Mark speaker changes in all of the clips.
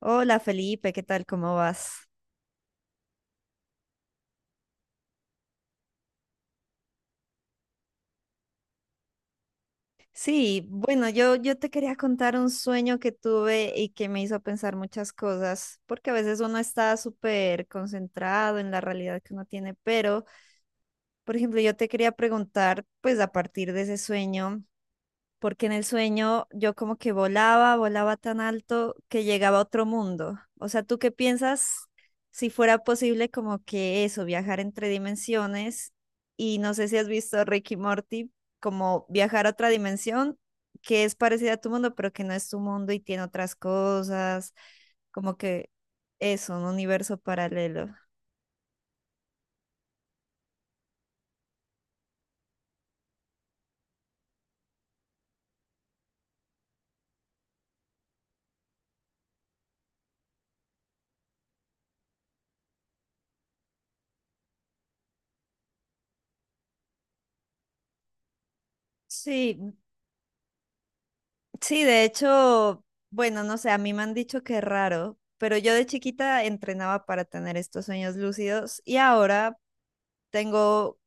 Speaker 1: Hola Felipe, ¿qué tal? ¿Cómo vas? Sí, bueno, yo te quería contar un sueño que tuve y que me hizo pensar muchas cosas, porque a veces uno está súper concentrado en la realidad que uno tiene, pero, por ejemplo, yo te quería preguntar, pues a partir de ese sueño. Porque en el sueño yo como que volaba, volaba tan alto que llegaba a otro mundo. O sea, ¿tú qué piensas si fuera posible como que eso, viajar entre dimensiones? Y no sé si has visto Rick y Morty, como viajar a otra dimensión que es parecida a tu mundo, pero que no es tu mundo y tiene otras cosas, como que eso, un universo paralelo. Sí, sí, de hecho, bueno, no sé, a mí me han dicho que es raro, pero yo de chiquita entrenaba para tener estos sueños lúcidos y ahora tengo,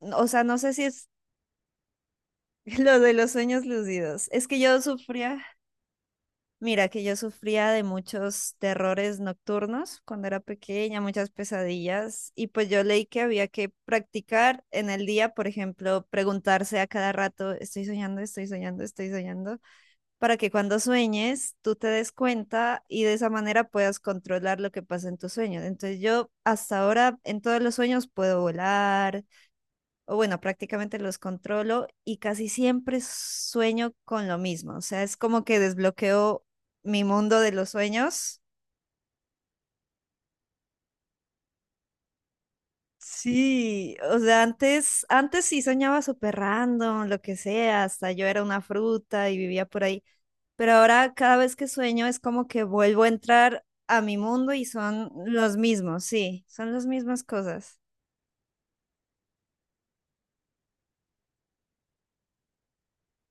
Speaker 1: o sea, no sé si es lo de los sueños lúcidos. Es que yo sufría, mira, que yo sufría de muchos terrores nocturnos cuando era pequeña, muchas pesadillas y pues yo leí que había que practicar en el día, por ejemplo, preguntarse a cada rato, estoy soñando, estoy soñando, estoy soñando, para que cuando sueñes tú te des cuenta y de esa manera puedas controlar lo que pasa en tus sueños. Entonces yo hasta ahora en todos los sueños puedo volar, o bueno, prácticamente los controlo y casi siempre sueño con lo mismo. O sea, es como que desbloqueo mi mundo de los sueños. Sí, o sea, antes sí soñaba súper random, lo que sea, hasta yo era una fruta y vivía por ahí. Pero ahora cada vez que sueño es como que vuelvo a entrar a mi mundo y son los mismos, sí, son las mismas cosas.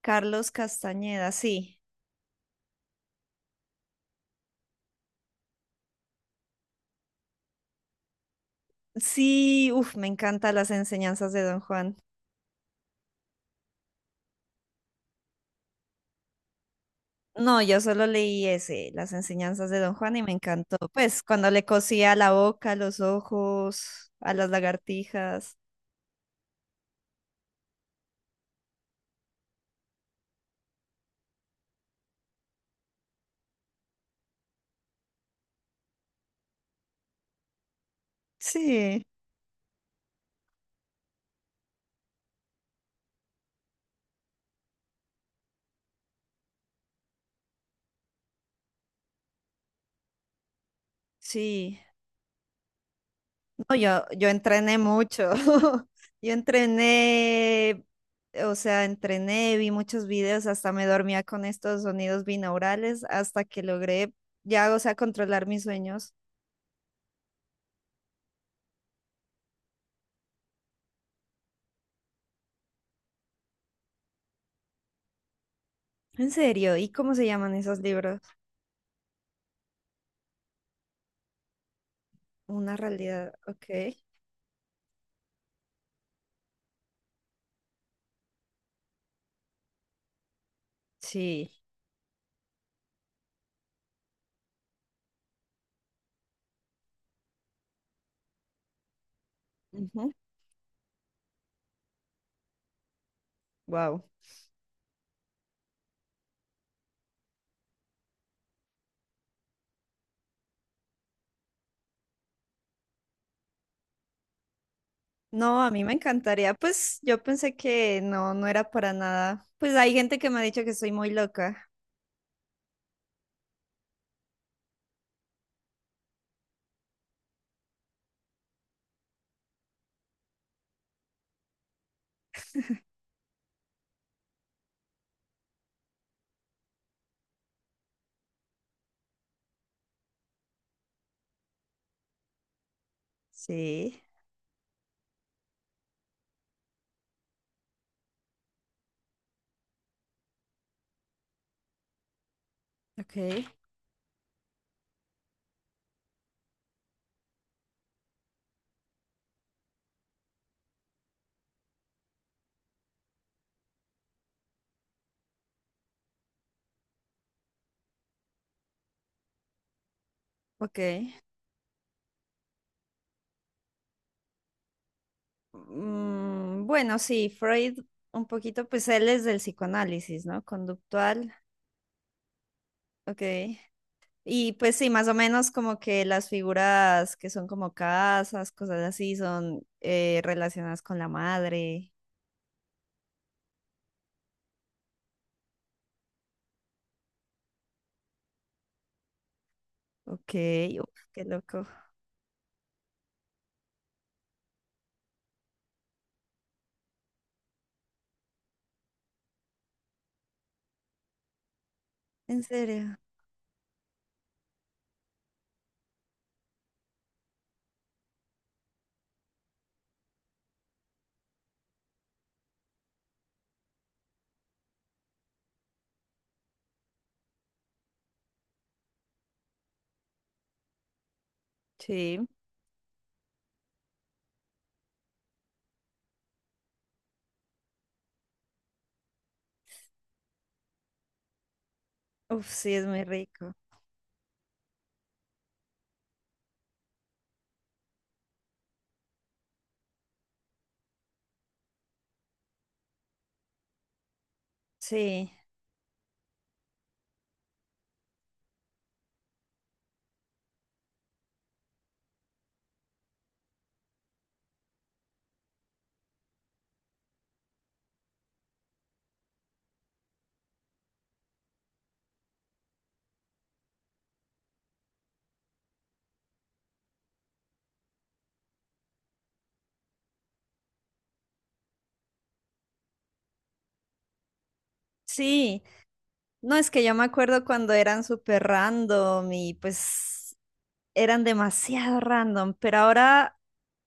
Speaker 1: Carlos Castañeda, sí. Sí, uff, me encantan las enseñanzas de Don Juan. No, yo solo leí ese, las enseñanzas de Don Juan y me encantó. Pues cuando le cosía la boca, los ojos, a las lagartijas. Sí, sí. No, yo entrené mucho. Yo entrené, o sea, entrené, vi muchos videos, hasta me dormía con estos sonidos binaurales hasta que logré ya, o sea, controlar mis sueños. En serio, ¿y cómo se llaman esos libros? Una realidad, ok. Sí. Wow. No, a mí me encantaría. Pues yo pensé que no, no era para nada. Pues hay gente que me ha dicho que soy muy loca. Sí. Ok, ok. Mm, bueno, sí, Freud un poquito, pues él es del psicoanálisis, ¿no? Conductual, ok. Y pues sí, más o menos como que las figuras que son como casas, cosas así, son relacionadas con la madre. Ok, uf, qué loco. ¿En serio? Sí, uf, sí, es muy rico. Sí, sí. No, es que yo me acuerdo cuando eran súper random y pues eran demasiado random, pero ahora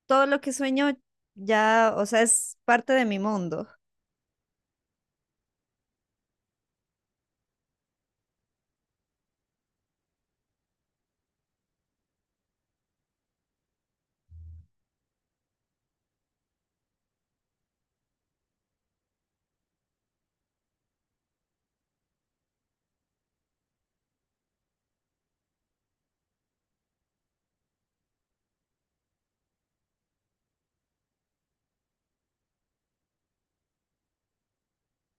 Speaker 1: todo lo que sueño ya, o sea, es parte de mi mundo.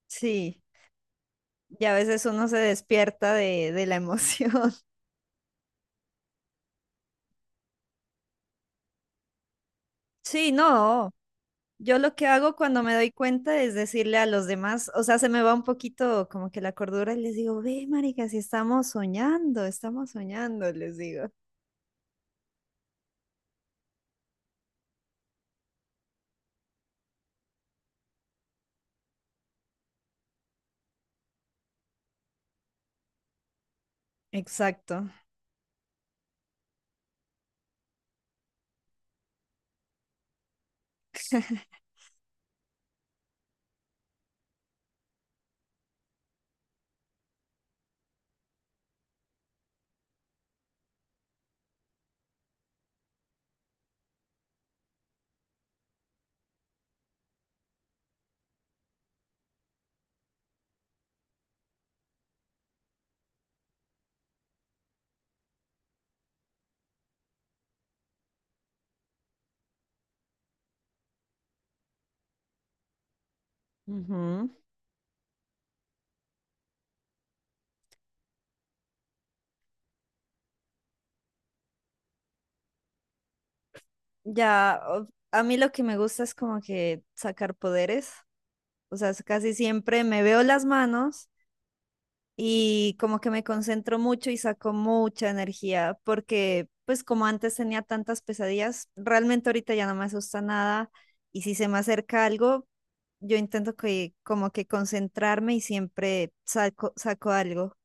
Speaker 1: Sí, y a veces uno se despierta de, la emoción. Sí, no, yo lo que hago cuando me doy cuenta es decirle a los demás, o sea, se me va un poquito como que la cordura y les digo, ve, marica, si estamos soñando, estamos soñando, les digo. Exacto. Ujú. Ya, a mí lo que me gusta es como que sacar poderes, o sea, es casi siempre me veo las manos y como que me concentro mucho y saco mucha energía, porque pues como antes tenía tantas pesadillas, realmente ahorita ya no me asusta nada y si se me acerca algo, yo intento que como que concentrarme y siempre saco, saco algo.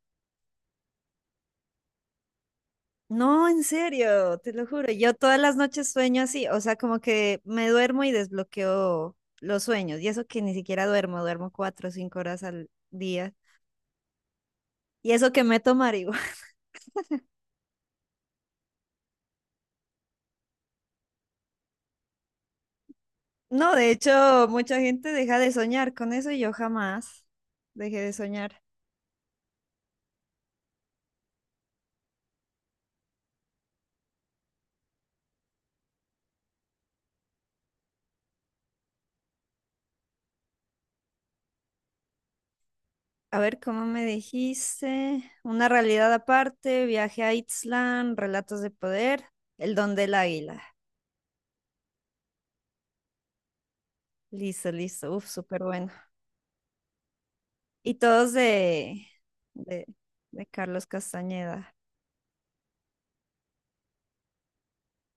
Speaker 1: No, en serio, te lo juro. Yo todas las noches sueño así, o sea, como que me duermo y desbloqueo los sueños. Y eso que ni siquiera duermo, duermo 4 o 5 horas al día. Y eso que meto marihuana. No, de hecho, mucha gente deja de soñar con eso y yo jamás dejé de soñar. A ver, ¿cómo me dijiste? Una realidad aparte, viaje a Itzlan, relatos de poder, el don del águila. Listo, listo. Uf, súper bueno. Y todos de, de, de Carlos Castañeda.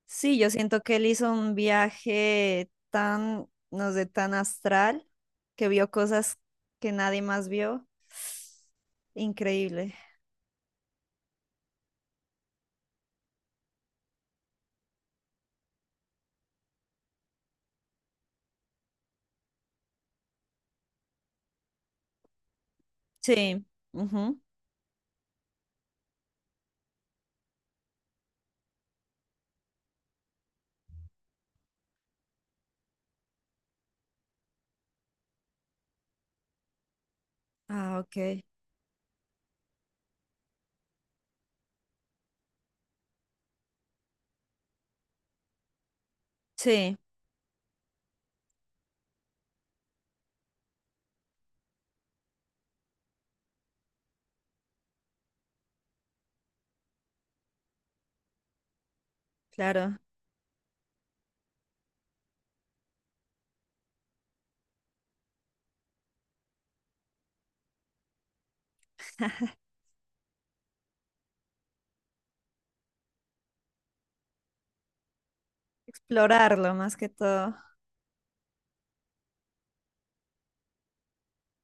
Speaker 1: Sí, yo siento que él hizo un viaje tan, no sé, tan astral, que vio cosas que nadie más vio. Increíble. Sí. Ujú. Ah, ok. Sí, claro. Explorarlo más que todo.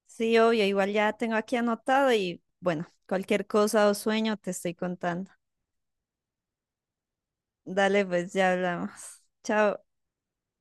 Speaker 1: Sí, obvio, igual ya tengo aquí anotado y bueno, cualquier cosa o sueño te estoy contando. Dale, pues ya hablamos. Chao.